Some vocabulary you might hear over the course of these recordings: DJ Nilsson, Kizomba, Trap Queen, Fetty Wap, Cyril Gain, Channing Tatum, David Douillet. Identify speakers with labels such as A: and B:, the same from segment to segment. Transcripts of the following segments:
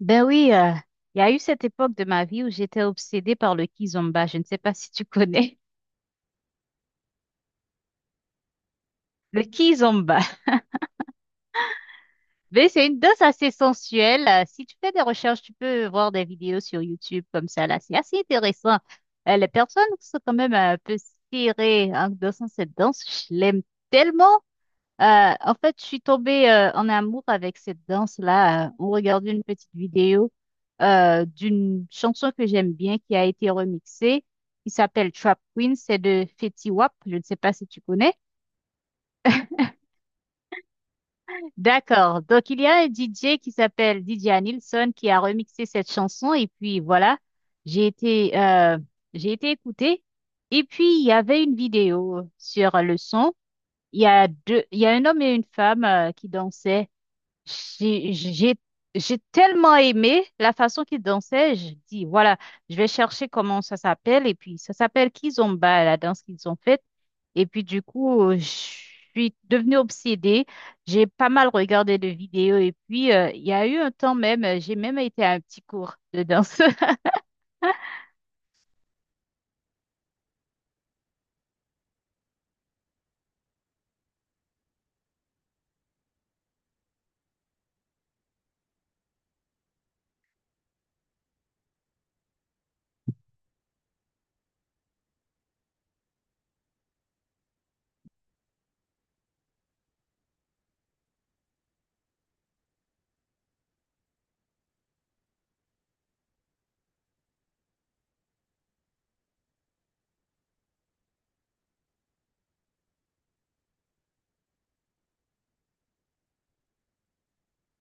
A: Ben oui, il y a eu cette époque de ma vie où j'étais obsédée par le kizomba. Je ne sais pas si tu connais le kizomba. Mais c'est une danse assez sensuelle. Si tu fais des recherches, tu peux voir des vidéos sur YouTube comme ça, là. C'est assez intéressant. Les personnes sont quand même un peu serrées en dansant cette danse. Je l'aime tellement. En fait, je suis tombée en amour avec cette danse-là. On regardait une petite vidéo d'une chanson que j'aime bien qui a été remixée, qui s'appelle Trap Queen. C'est de Fetty Wap. Je ne sais pas si tu connais. D'accord. Donc, il y a un DJ qui s'appelle DJ Nilsson qui a remixé cette chanson. Et puis, voilà, j'ai été, euh, j'ai été écoutée. Et puis, il y avait une vidéo sur le son. Il y a deux, il y a un homme et une femme qui dansaient. J'ai, j'ai, j'ai tellement aimé la façon qu'il dansait. Je dis, voilà, je vais chercher comment ça s'appelle. Et puis, ça s'appelle Kizomba, la danse qu'ils ont faite. Et puis, du coup, je suis devenue obsédée. J'ai pas mal regardé de vidéos. Et puis, il y a eu un temps même, j'ai même été à un petit cours de danse.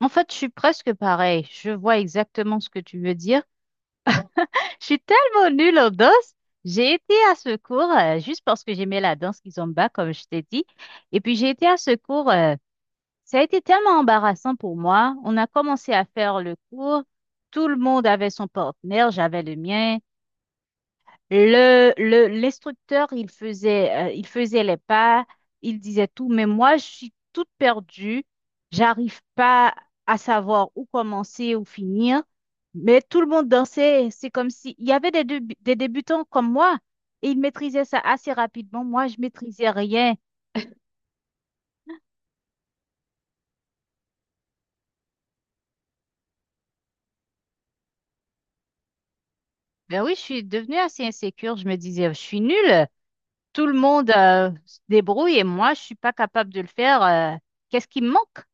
A: En fait, je suis presque pareil. Je vois exactement ce que tu veux dire. Je suis tellement nulle en danse. J'ai été à ce cours juste parce que j'aimais la danse Kizomba, comme je t'ai dit. Et puis j'ai été à ce cours. Ça a été tellement embarrassant pour moi. On a commencé à faire le cours. Tout le monde avait son partenaire. J'avais le mien. L'instructeur, il faisait les pas, il disait tout, mais moi, je suis toute perdue, j'arrive pas à savoir où commencer, où finir, mais tout le monde dansait, c'est comme si, il y avait des débutants comme moi, et ils maîtrisaient ça assez rapidement, moi, je maîtrisais rien. Ben oui, je suis devenue assez insécure, je me disais, je suis nulle, tout le monde, se débrouille, et moi, je suis pas capable de le faire, qu'est-ce qui me manque?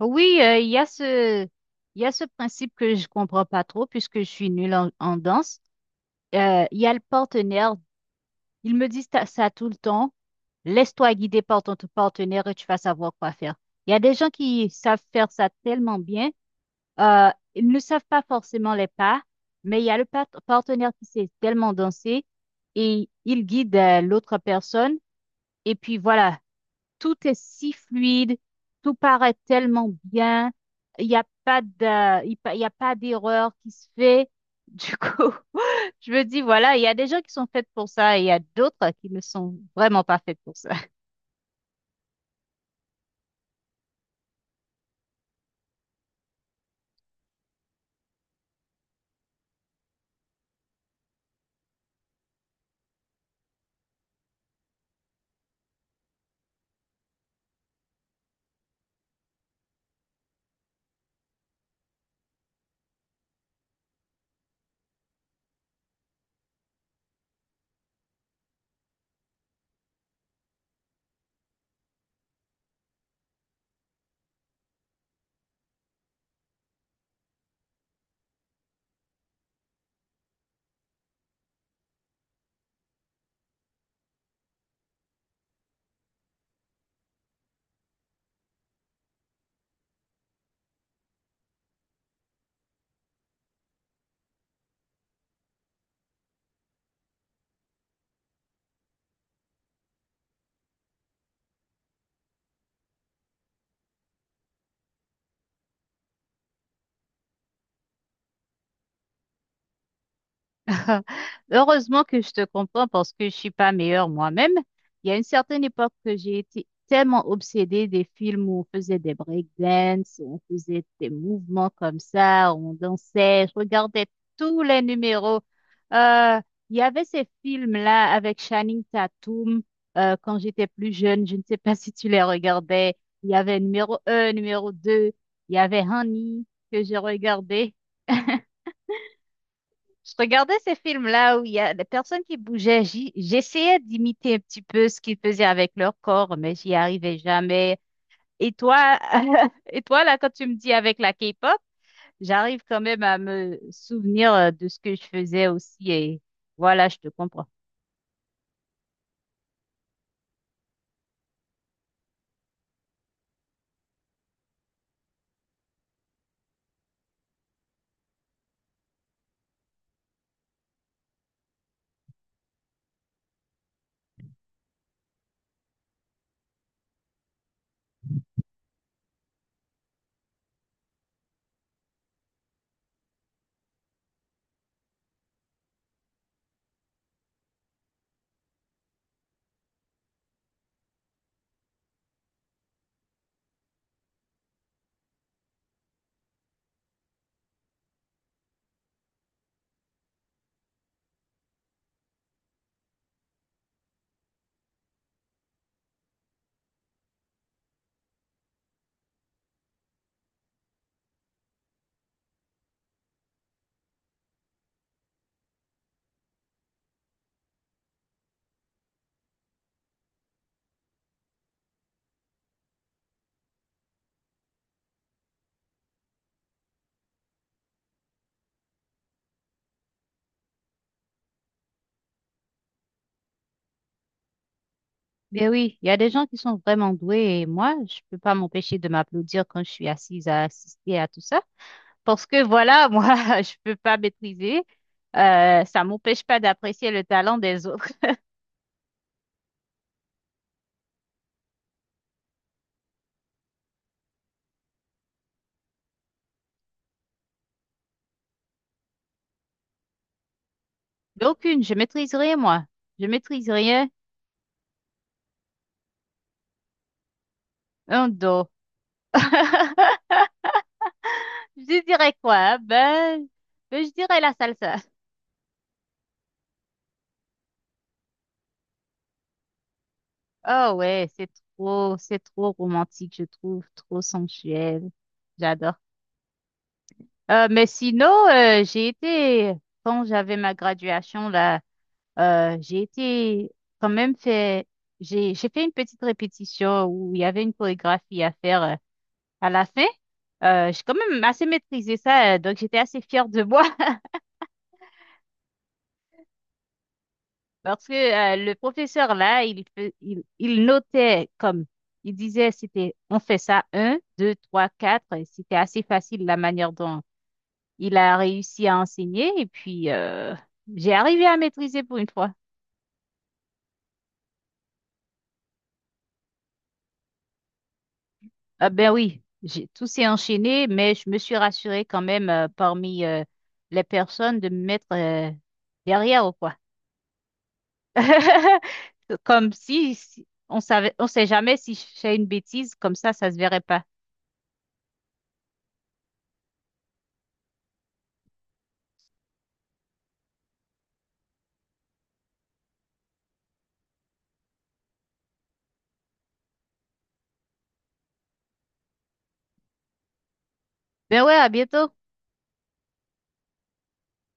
A: Oui, il y a ce principe que je comprends pas trop puisque je suis nulle en, en danse. Il y a le partenaire. Ils me disent ça tout le temps. Laisse-toi guider par ton partenaire et tu vas savoir quoi faire. Il y a des gens qui savent faire ça tellement bien. Euh, Ils ne savent pas forcément les pas, mais il y a le partenaire qui sait tellement danser et il guide l'autre personne. Et puis voilà, tout est si fluide, tout paraît tellement bien, il n'y a pas de, il pa- il y a pas d'erreur qui se fait. Du coup, je me dis, voilà, il y a des gens qui sont faits pour ça et il y a d'autres qui ne sont vraiment pas faits pour ça. Heureusement que je te comprends parce que je suis pas meilleure moi-même. Il y a une certaine époque que j'ai été tellement obsédée des films où on faisait des breakdance, où on faisait des mouvements comme ça, où on dansait. Je regardais tous les numéros. Euh, il y avait ces films-là avec Channing Tatum quand j'étais plus jeune. Je ne sais pas si tu les regardais. Il y avait numéro un, numéro 2. Il y avait Honey que j'ai regardé. Je regardais ces films-là où il y a des personnes qui bougeaient. J'essayais d'imiter un petit peu ce qu'ils faisaient avec leur corps, mais j'y arrivais jamais. Et toi, quand tu me dis avec la K-pop, j'arrive quand même à me souvenir de ce que je faisais aussi. Et voilà, je te comprends. Mais oui, il y a des gens qui sont vraiment doués et moi, je peux pas m'empêcher de m'applaudir quand je suis assise à assister à tout ça. Parce que voilà, moi, je peux pas maîtriser. Ça m'empêche pas d'apprécier le talent des autres. D'aucune, je maîtrise rien, moi. Je maîtrise rien. Un dos. Je dirais quoi? Hein? Ben, je dirais la salsa. Oh ouais, c'est trop romantique, je trouve, trop sensuel. J'adore. Mais sinon, quand j'avais ma graduation là, j'ai été quand même fait, j'ai fait une petite répétition où il y avait une chorégraphie à faire à la fin. J'ai quand même assez maîtrisé ça, donc j'étais assez fière de moi. Parce que le professeur là, il notait comme il disait, c'était on fait ça un, deux, trois, quatre. Et c'était assez facile la manière dont il a réussi à enseigner. Et puis j'ai arrivé à maîtriser pour une fois. Ah ben oui, tout s'est enchaîné, mais je me suis rassurée quand même parmi les personnes de me mettre derrière ou quoi. Comme si, on savait, on sait jamais si je fais une bêtise, comme ça se verrait pas. Ben ouais, à bientôt.